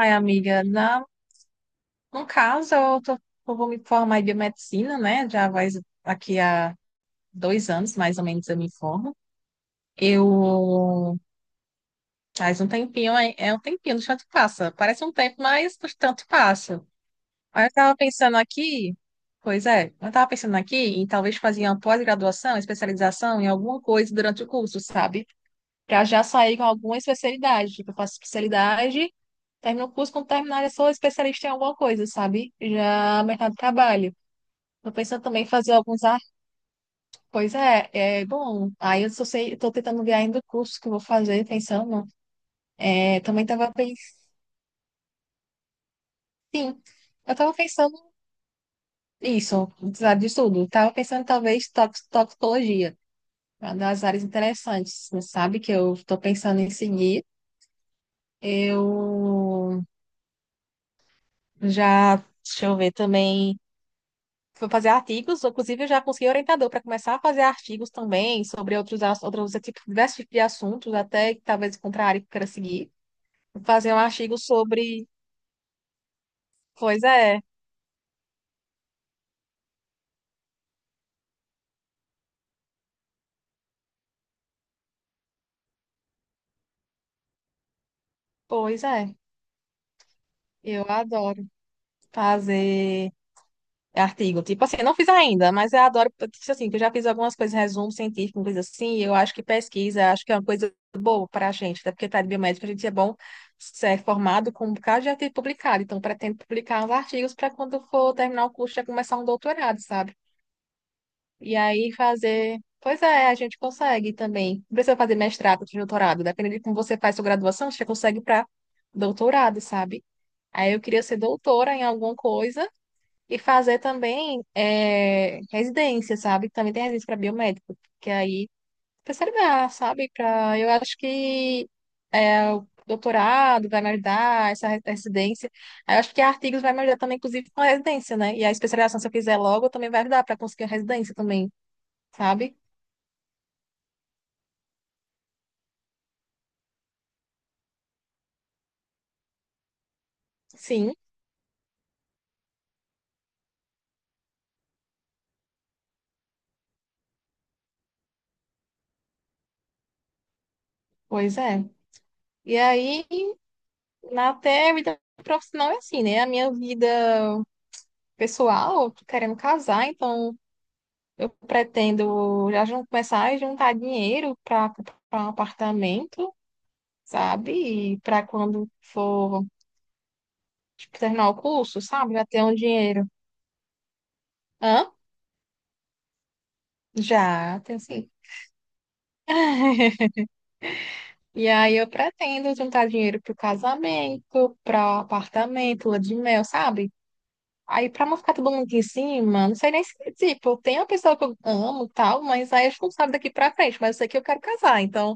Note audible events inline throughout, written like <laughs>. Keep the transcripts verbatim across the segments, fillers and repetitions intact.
Ai, amiga, na, no caso, eu, tô, eu vou me formar em biomedicina, né? Já vai aqui há dois anos, mais ou menos, eu me formo. Eu faz um tempinho, é, é um tempinho, no tanto passa. Parece um tempo, mas no tanto passa. Aí eu tava pensando aqui, pois é, eu tava pensando aqui em talvez fazer uma pós-graduação, especialização em alguma coisa durante o curso, sabe? Pra já sair com alguma especialidade. Tipo, eu faço especialidade, termino o curso, quando terminar, eu sou especialista em alguma coisa, sabe? Já mercado de trabalho. Tô pensando também em fazer alguns ar. Pois é, é bom. Aí eu só sei, eu tô tentando ver ainda o curso que eu vou fazer, pensando. É, também tava pensando. Sim, eu tava pensando isso, sabe, de tudo. Tava pensando talvez tox- toxicologia, uma das áreas interessantes, sabe? Que eu tô pensando em seguir. Eu já, Deixa eu ver também. Fui fazer artigos, inclusive eu já consegui orientador para começar a fazer artigos também sobre outros, ass- outros tipos, diversos tipos de assuntos, até que talvez contra a área que eu queira seguir. Fazer um artigo sobre. Pois é, pois é. Eu adoro fazer. É artigo. Tipo assim, eu não fiz ainda, mas eu adoro, tipo assim, que eu já fiz algumas coisas, resumo científico, uma coisa assim, e eu acho que pesquisa, acho que é uma coisa boa para a gente, até porque tá de biomédica, a gente é bom ser formado com um bocado de artigo publicado, então pretendo publicar uns artigos para quando for terminar o curso já começar um doutorado, sabe? E aí fazer. Pois é, a gente consegue também. Não precisa fazer mestrado, doutorado, dependendo de como você faz sua graduação, você já consegue para doutorado, sabe? Aí eu queria ser doutora em alguma coisa e fazer também é, residência, sabe? Também tem residência para biomédico, que aí perseverar, sabe? Pra, eu acho que é, o doutorado vai me ajudar, essa re- residência. Aí eu acho que artigos vai me ajudar também, inclusive, com a residência, né? E a especialização, se eu quiser logo, também vai ajudar para conseguir a residência também, sabe? Sim, pois é. E aí, na até a vida profissional é assim, né? A minha vida pessoal, eu tô querendo casar, então. Eu pretendo já jun- começar a juntar dinheiro para comprar um apartamento, sabe? E para quando for, tipo, terminar o curso, sabe? Já ter um dinheiro. Hã? Já, tenho sim. <laughs> E aí eu pretendo juntar dinheiro pro casamento, para apartamento, lua de mel, sabe? Aí pra não ficar todo mundo aqui em cima, não sei nem se, tipo, tem uma pessoa que eu amo e tal, mas aí a gente não sabe daqui pra frente, mas eu sei que eu quero casar, então.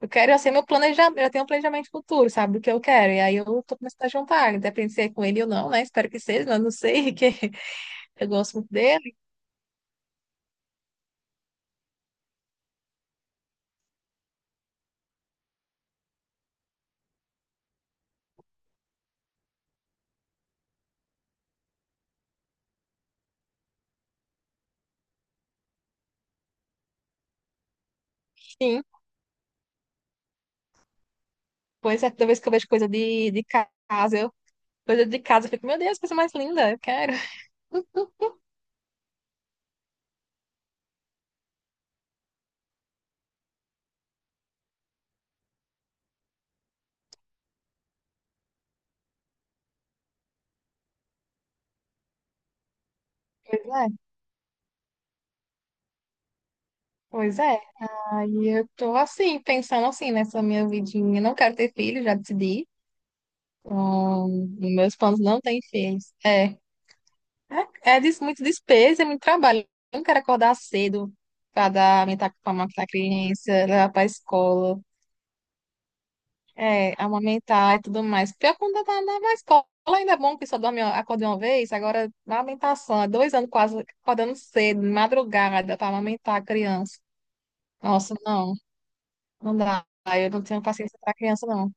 Eu quero, assim, meu planejamento, eu tenho um planejamento futuro, sabe, do que eu quero. E aí eu tô começando a juntar, independente se é com ele ou não, né? Espero que seja, mas não sei, <laughs> que eu gosto muito dele, enfim. Pois é, toda vez que eu vejo coisa de, de casa, eu, coisa de casa, eu fico, meu Deus, coisa mais linda, eu quero. <laughs> Pois é, pois é. Aí eu tô assim, pensando assim, nessa minha vidinha. Não quero ter filho, já decidi. Então, nos meus planos não têm filhos. É. É, é des- muito despesa, é muito trabalho. Eu não quero acordar cedo para dar amamentar, pra amamentar a criança, levar para a escola, é, amamentar e tudo mais. Pior quando tá na na escola, ainda é bom que só dorme, acorda uma vez. Agora, na amamentação, há dois anos quase acordando cedo, de madrugada, para amamentar a criança. Nossa, não, não dá. Eu não tenho paciência para criança, não.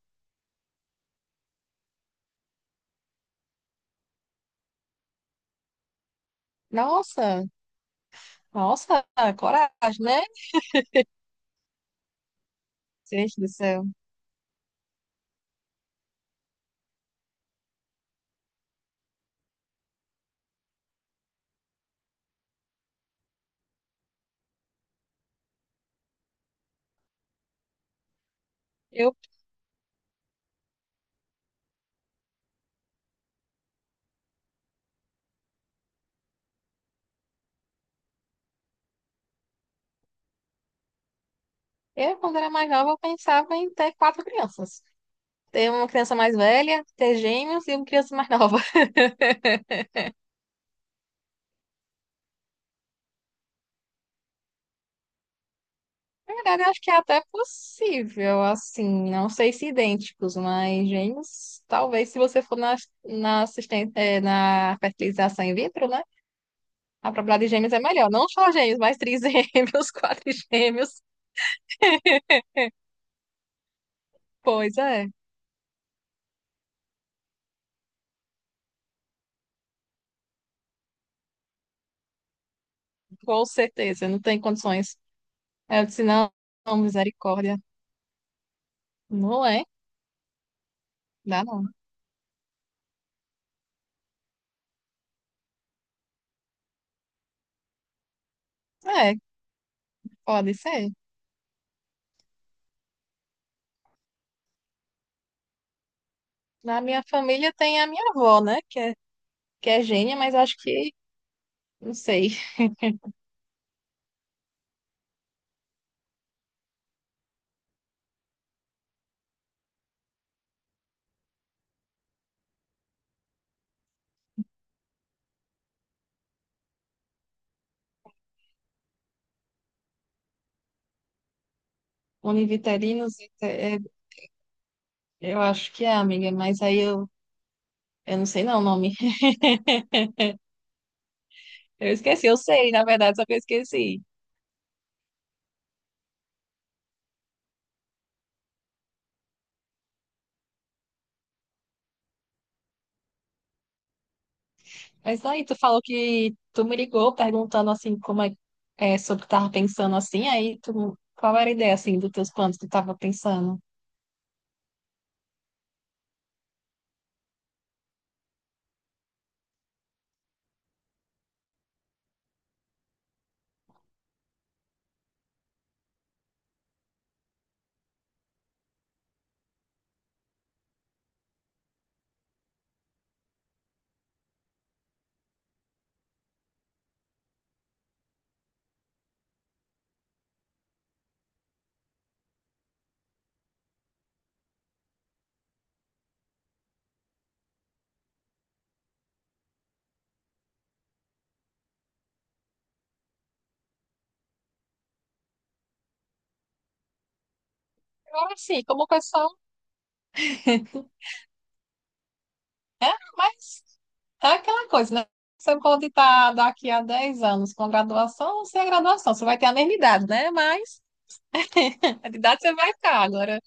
Nossa, nossa, coragem, né? Gente do céu. Eu, eu, quando era mais nova, eu pensava em ter quatro crianças. Ter uma criança mais velha, ter gêmeos e uma criança mais nova. <laughs> Na verdade, eu acho que é até possível, assim, não sei se idênticos, mas gêmeos, talvez se você for na, na assistência, na fertilização in vitro, né? A probabilidade de gêmeos é melhor. Não só gêmeos, mas trigêmeos, <laughs> quadrigêmeos. Pois é, com certeza, não tem condições. Aí eu disse, não, não, misericórdia. Não é, dá não. É, pode ser. Na minha família tem a minha avó, né? Que é, que é gênia, mas acho que não sei. Univiterinos, é- é- eu acho que é, amiga, mas aí eu, eu não sei não o nome. Eu esqueci, eu sei, na verdade, só que eu esqueci. Mas aí tu falou que tu me ligou perguntando assim como é, é sobre o que tava pensando assim, aí tu, qual era a ideia assim dos teus planos que tu tava pensando? Agora sim, como pessoa, mas é aquela coisa, né? Você pode estar daqui a dez anos com graduação ou sem a graduação, você vai ter a mesma idade, né? Mas <laughs> a idade você vai ficar agora.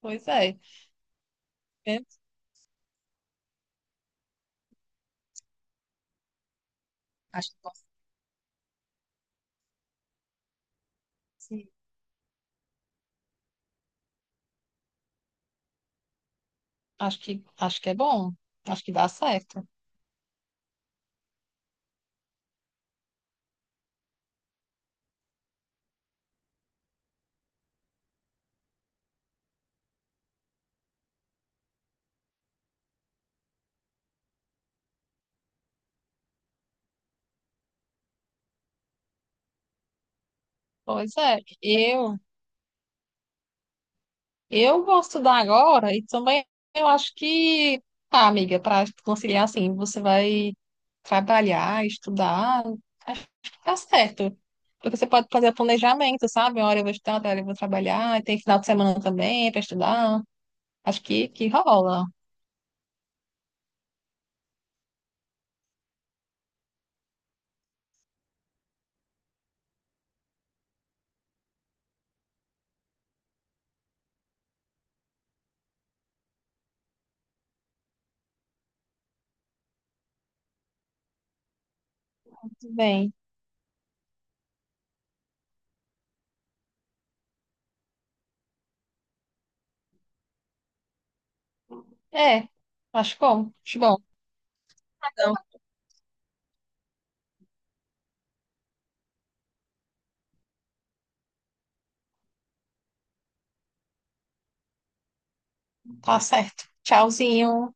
Pois é. Acho que posso. Assim, Acho que, acho que é bom. Acho que dá certo. Pois é, eu, eu vou estudar agora e também eu acho que, tá, amiga, para conciliar assim, você vai trabalhar, estudar, acho que dá certo. Porque você pode fazer planejamento, sabe? Uma hora eu vou estudar, outra hora eu vou trabalhar, e tem final de semana também para estudar. Acho que, que rola. Tudo bem. É, acho bom, acho bom. Então, tá certo. Tchauzinho.